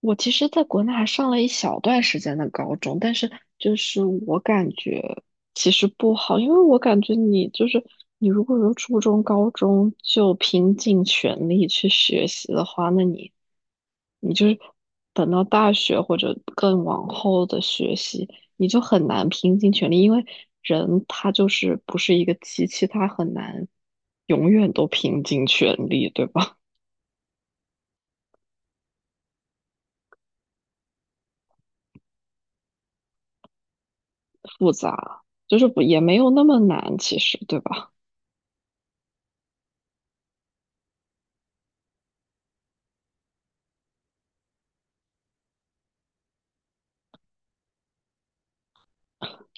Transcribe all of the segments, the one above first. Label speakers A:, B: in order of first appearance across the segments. A: 我其实在国内还上了一小段时间的高中，但是就是我感觉其实不好，因为我感觉你就是你如果有初中、高中就拼尽全力去学习的话，那你就是等到大学或者更往后的学习，你就很难拼尽全力，因为人他就是不是一个机器，他很难永远都拼尽全力，对吧？复杂，就是不也没有那么难，其实对吧？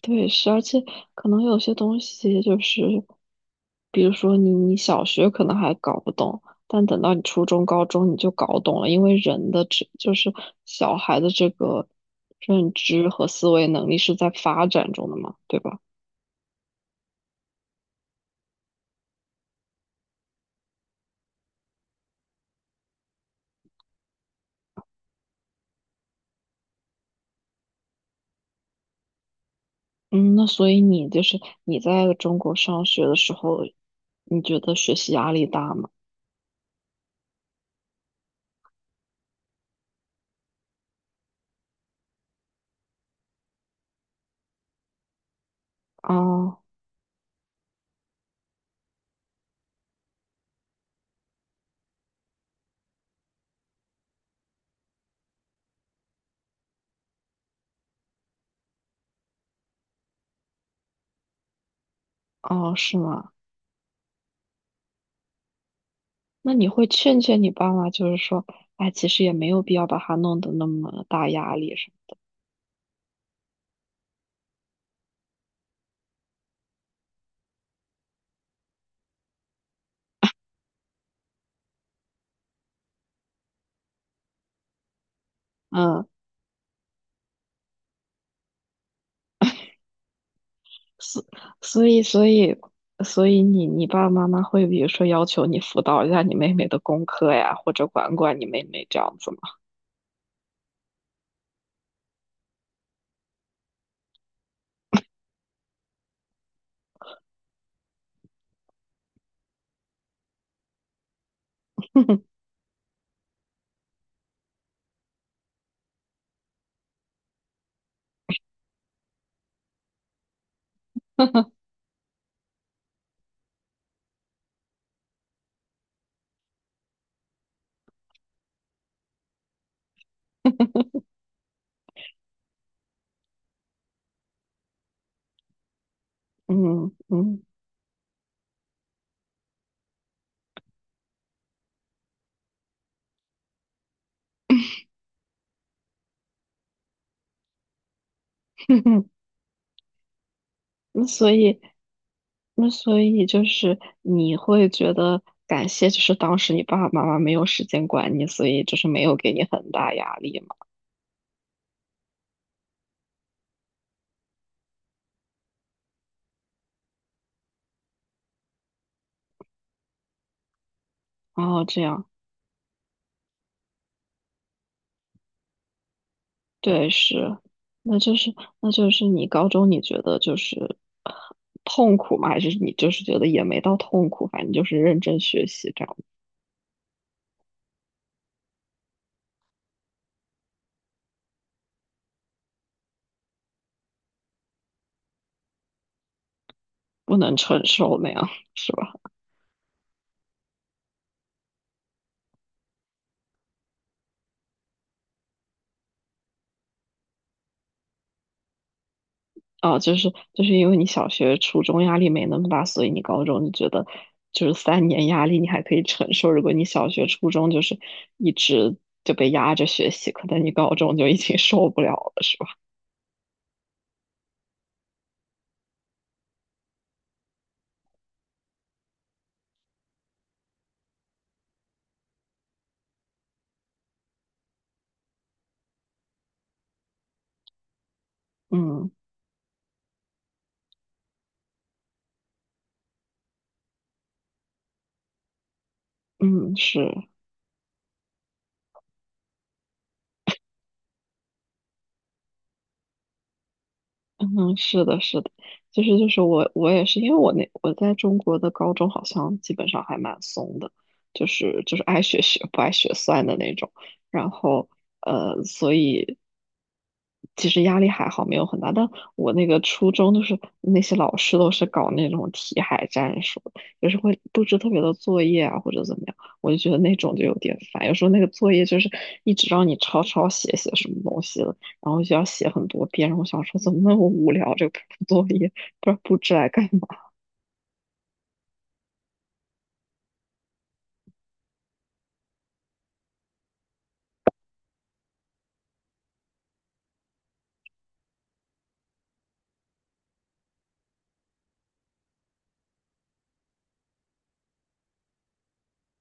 A: 对，是，而且可能有些东西就是，比如说你小学可能还搞不懂，但等到你初中、高中你就搞懂了，因为人的这就是小孩的这个认知和思维能力是在发展中的嘛，对吧？嗯，那所以你就是你在中国上学的时候，你觉得学习压力大吗？哦哦，是吗？那你会劝劝你爸妈，就是说，哎，其实也没有必要把他弄得那么大压力，是吗？嗯，所所以所以所以你爸爸妈妈会比如说要求你辅导一下你妹妹的功课呀，或者管管你妹妹这样子吗？嗯嗯，那所以那所以就是你会觉得感谢，就是当时你爸爸妈妈没有时间管你，所以就是没有给你很大压力嘛。哦，这样。对，是，那就是那就是你高中你觉得就是呃痛苦吗？还是你就是觉得也没到痛苦，反正就是认真学习这样，不能承受那样，是吧？啊，就是因为你小学、初中压力没那么大，所以你高中你觉得就是3年压力你还可以承受。如果你小学、初中就是一直就被压着学习，可能你高中就已经受不了了，是吧？嗯嗯，是。嗯，是的，是的，就是我也是，因为那我在中国的高中好像基本上还蛮松的，就是爱学学不爱学算的那种，然后所以其实压力还好，没有很大。但我那个初中就是那些老师都是搞那种题海战术，就是会布置特别多作业啊或者怎么样，我就觉得那种就有点烦。有时候那个作业就是一直让你抄抄写写什么东西的。然后就要写很多遍。然后我想说，怎么那么无聊？这个布作业不知道布置来干嘛？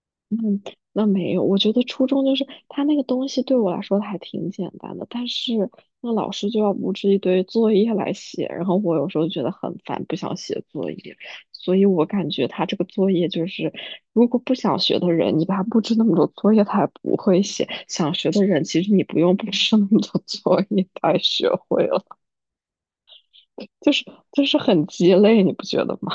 A: 嗯，那没有。我觉得初中就是他那个东西对我来说还挺简单的，但是那老师就要布置一堆作业来写，然后我有时候觉得很烦，不想写作业。所以我感觉他这个作业就是，如果不想学的人，你把他布置那么多作业，他也不会写；想学的人，其实你不用布置那么多作业，他也学会了。就是就是很鸡肋，你不觉得吗？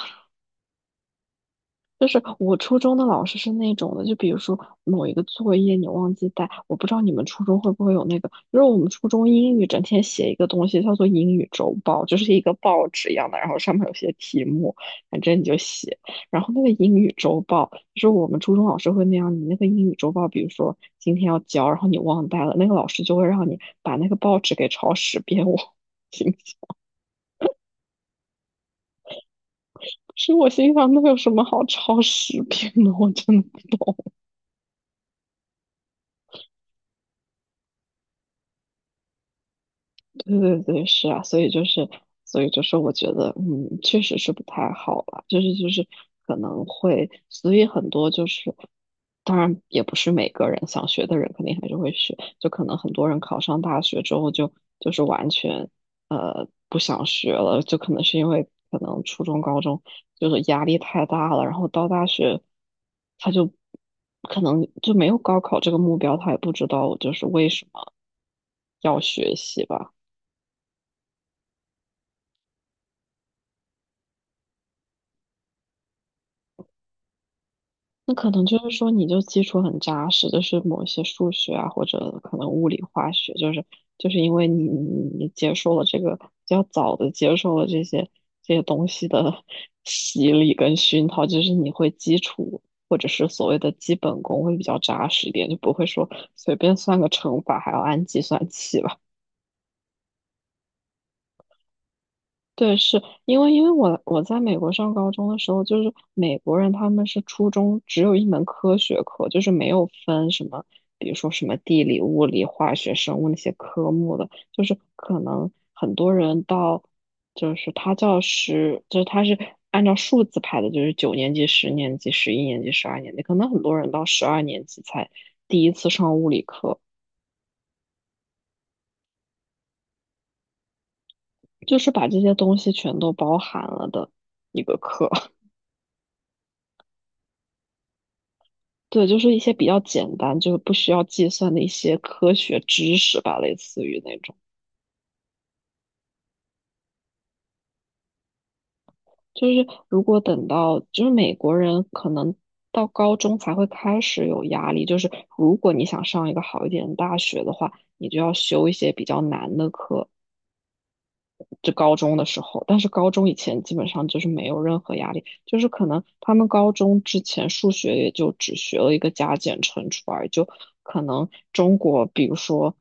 A: 就是我初中的老师是那种的，就比如说某一个作业你忘记带，我不知道你们初中会不会有那个，就是我们初中英语整天写一个东西叫做英语周报，就是一个报纸一样的，然后上面有些题目，反正你就写。然后那个英语周报，就是我们初中老师会那样，你那个英语周报，比如说今天要交，然后你忘带了，那个老师就会让你把那个报纸给抄十遍。我 心想，是我心想，那有什么好抄十遍的？我真的对对对，是啊，所以就是，我觉得，确实是不太好了，就是可能会，所以很多就是，当然也不是每个人想学的人肯定还是会学，就可能很多人考上大学之后就是完全不想学了，就可能是因为可能初中高中就是压力太大了，然后到大学他就可能就没有高考这个目标，他也不知道就是为什么要学习吧。那可能就是说，你就基础很扎实，就是某一些数学啊，或者可能物理、化学，就是因为你接受了这个比较早的接受了这些东西的 洗礼跟熏陶，就是你会基础或者是所谓的基本功会比较扎实一点，就不会说随便算个乘法还要按计算器吧。对，是因为我在美国上高中的时候，就是美国人他们是初中只有一门科学课，就是没有分什么，比如说什么地理、物理、化学、生物那些科目的，就是可能很多人到就是他教师，就是他是按照数字排的，就是9年级、10年级、11年级、十二年级，可能很多人到十二年级才第一次上物理课，就是把这些东西全都包含了的一个课。对，就是一些比较简单，就是不需要计算的一些科学知识吧，类似于那种。就是如果等到，就是美国人可能到高中才会开始有压力，就是如果你想上一个好一点的大学的话，你就要修一些比较难的课。就高中的时候，但是高中以前基本上就是没有任何压力，就是可能他们高中之前数学也就只学了一个加减乘除而已，就可能中国比如说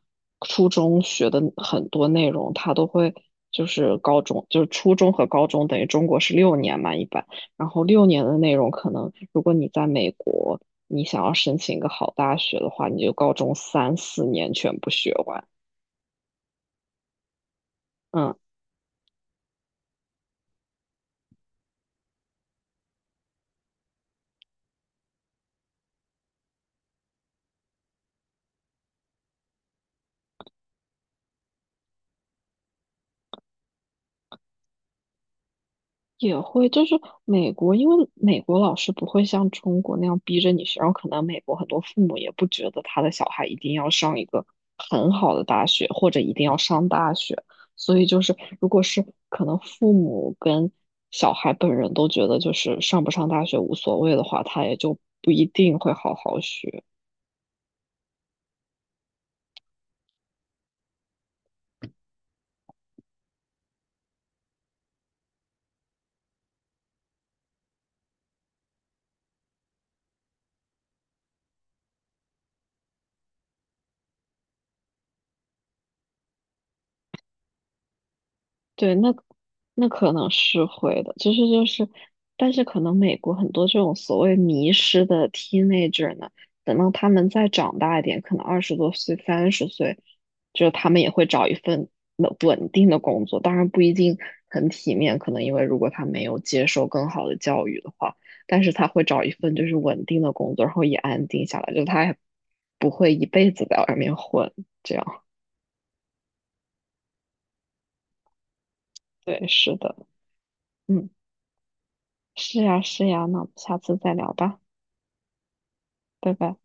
A: 初中学的很多内容，他都会就是高中就是初中和高中等于中国是六年嘛一般，然后六年的内容可能如果你在美国。你想要申请一个好大学的话，你就高中三四年全部学完，嗯。也会，就是美国，因为美国老师不会像中国那样逼着你学，然后可能美国很多父母也不觉得他的小孩一定要上一个很好的大学，或者一定要上大学，所以就是如果是可能父母跟小孩本人都觉得就是上不上大学无所谓的话，他也就不一定会好好学。对，那可能是会的，就是就是，但是可能美国很多这种所谓迷失的 teenager 呢，等到他们再长大一点，可能20多岁、30岁，就是他们也会找一份稳定的工作，当然不一定很体面，可能因为如果他没有接受更好的教育的话，但是他会找一份就是稳定的工作，然后也安定下来，就他也不会一辈子在外面混，这样，对，是的，嗯。是呀，是呀，那我们下次再聊吧，拜拜。